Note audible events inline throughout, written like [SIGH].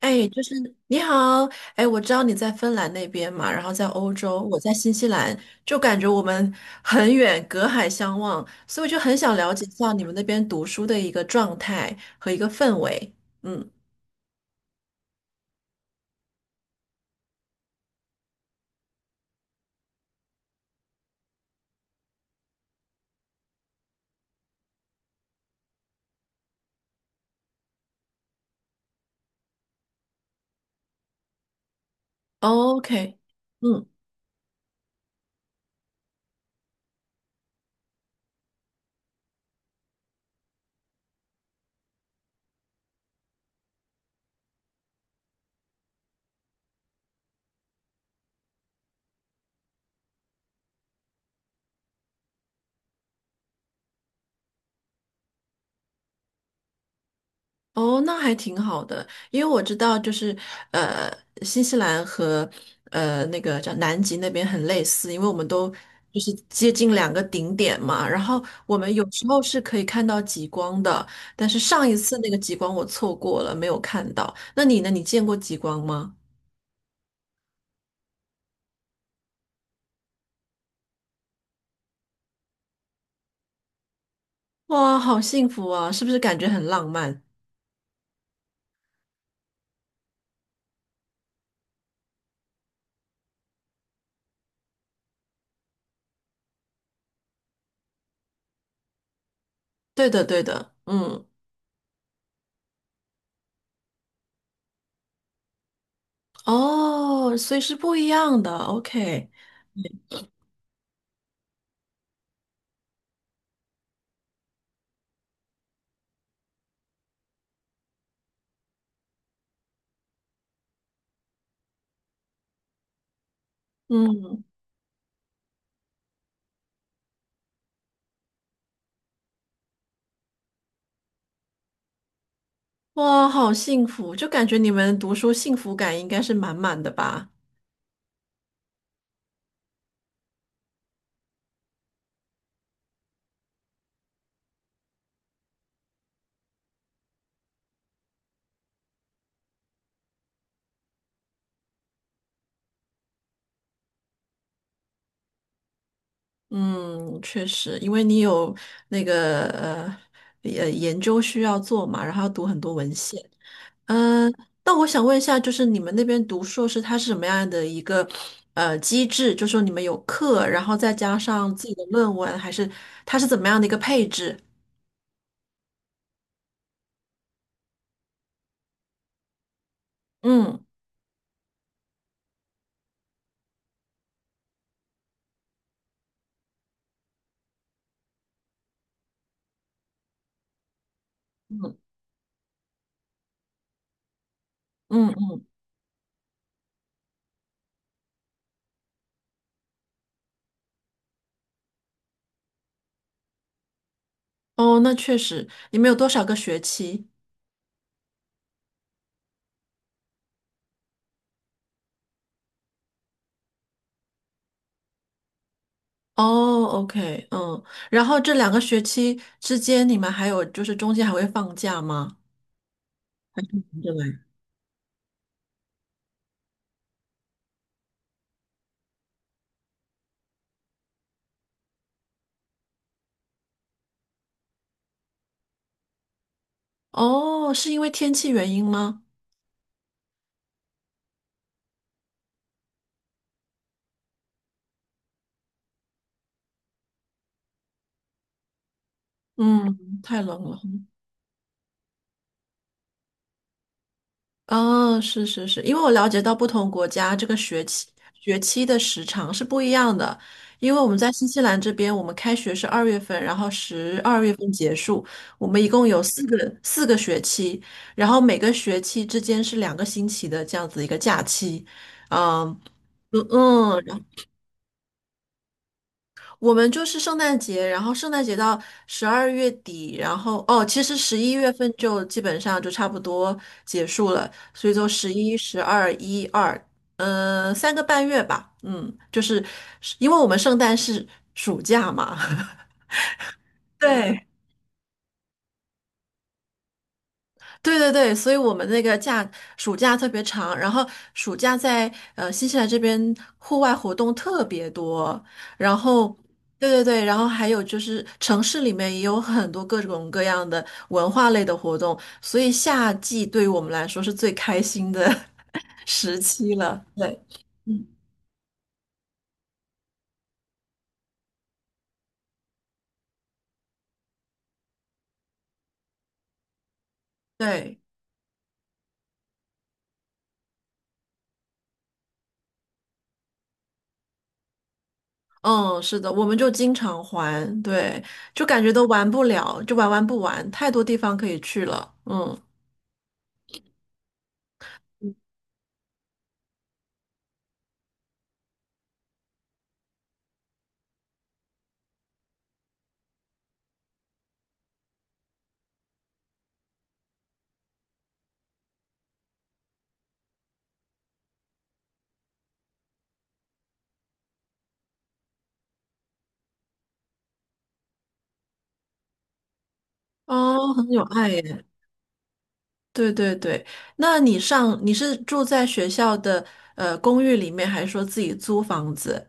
哎，就是你好。哎，我知道你在芬兰那边嘛，然后在欧洲，我在新西兰，就感觉我们很远，隔海相望，所以我就很想了解一下你们那边读书的一个状态和一个氛围。嗯，OK，嗯。哦，那还挺好的，因为我知道，就是呃，新西兰和那个叫南极那边很类似，因为我们都就是接近两个顶点嘛。然后我们有时候是可以看到极光的，但是上一次那个极光我错过了，没有看到。那你呢？你见过极光吗？哇，好幸福啊！是不是感觉很浪漫？对的，对的，嗯。哦，所以是不一样的。OK，嗯。哇，好幸福，就感觉你们读书幸福感应该是满满的吧？嗯，确实，因为你有那个研究需要做嘛，然后要读很多文献。嗯，那我想问一下，就是你们那边读硕士，它是什么样的一个机制？就说你们有课，然后再加上自己的论文，还是它是怎么样的一个配置？嗯嗯嗯，哦，那确实，你们有多少个学期？哦，OK，嗯，然后这两个学期之间，你们还有就是中间还会放假吗？对。哦，是因为天气原因吗？嗯，太冷了。哦，是是是，因为我了解到不同国家这个学期的时长是不一样的，因为我们在新西兰这边，我们开学是二月份，然后十二月份结束，我们一共有四个学期，然后每个学期之间是两个星期的这样子一个假期。嗯嗯，嗯，我们就是圣诞节，然后圣诞节到十二月底，然后哦，其实十一月份就基本上就差不多结束了，所以就十一、十二、一二，嗯，三个半月吧，嗯，就是因为我们圣诞是暑假嘛。[LAUGHS] 对，对对对，所以我们那个暑假特别长，然后暑假在新西兰这边户外活动特别多，然后对对对，然后还有就是城市里面也有很多各种各样的文化类的活动，所以夏季对于我们来说是最开心的 [LAUGHS] 时期了。对，嗯，对，嗯，是的，我们就经常玩，对，就感觉都玩不了，就玩不完，太多地方可以去了，嗯。哦，很有爱耶。对对对，那你是住在学校的公寓里面，还是说自己租房子？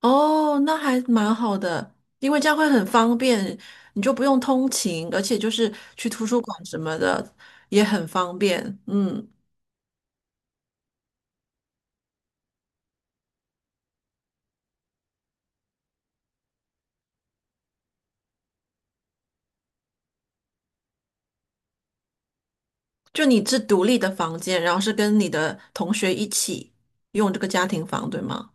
哦，那还蛮好的，因为这样会很方便，你就不用通勤，而且就是去图书馆什么的也很方便。嗯，就你是独立的房间，然后是跟你的同学一起用这个家庭房，对吗？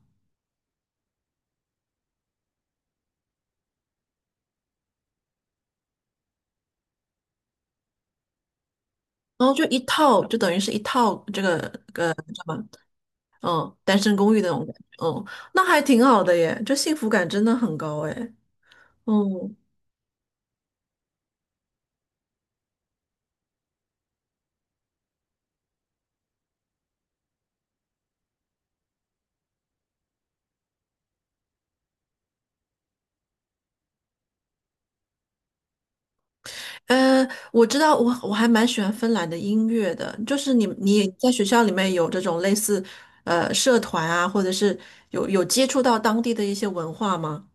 然后就一套，就等于是一套这个什么？嗯，单身公寓那种感觉。嗯，那还挺好的耶，这幸福感真的很高哎。嗯，呃，我知道我还蛮喜欢芬兰的音乐的，就是你也在学校里面有这种类似社团啊，或者是有接触到当地的一些文化吗？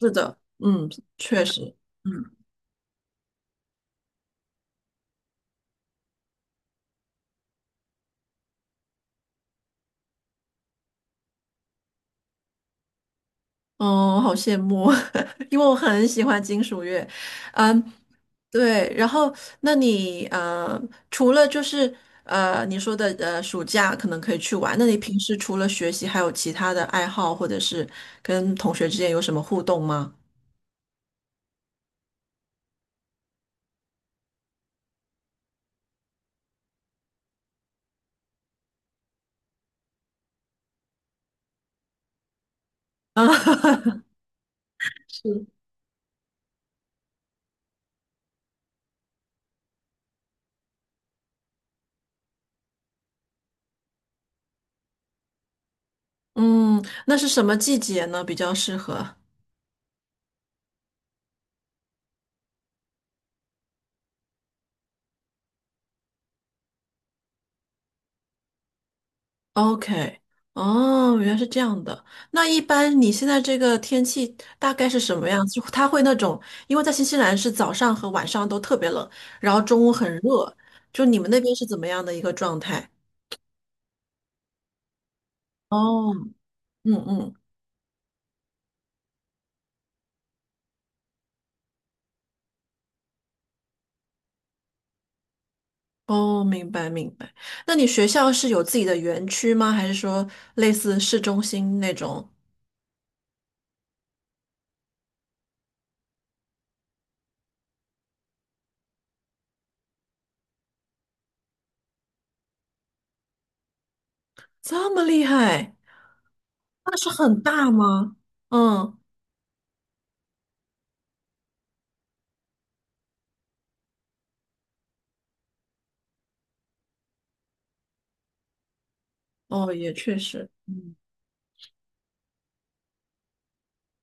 是的，嗯，确实。嗯。哦，好羡慕，[LAUGHS] 因为我很喜欢金属乐。嗯，对，然后那你除了就是你说的暑假可能可以去玩，那你平时除了学习，还有其他的爱好，或者是跟同学之间有什么互动吗？啊，[LAUGHS] 嗯，那是什么季节呢？比较适合？OK，哦，原来是这样的。那一般你现在这个天气大概是什么样子？它会那种，因为在新西兰是早上和晚上都特别冷，然后中午很热，就你们那边是怎么样的一个状态？哦，嗯嗯。哦，明白明白。那你学校是有自己的园区吗？还是说类似市中心那种？这么厉害，那是很大吗？嗯，哦，也确实。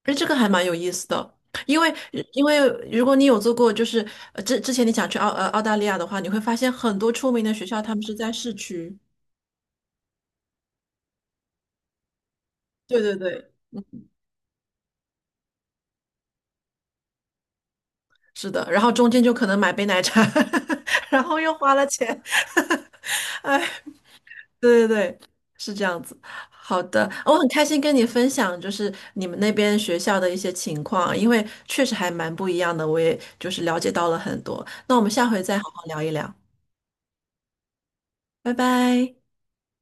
哎，这个还蛮有意思的。因为因为如果你有做过，就是之前你想去澳大利亚的话，你会发现很多出名的学校他们是在市区。对对对，是的，然后中间就可能买杯奶茶，[LAUGHS] 然后又花了钱，哎。对对对，是这样子。好的，哦我很开心跟你分享，就是你们那边学校的一些情况啊，因为确实还蛮不一样的，我也就是了解到了很多。那我们下回再好好聊一聊，拜拜。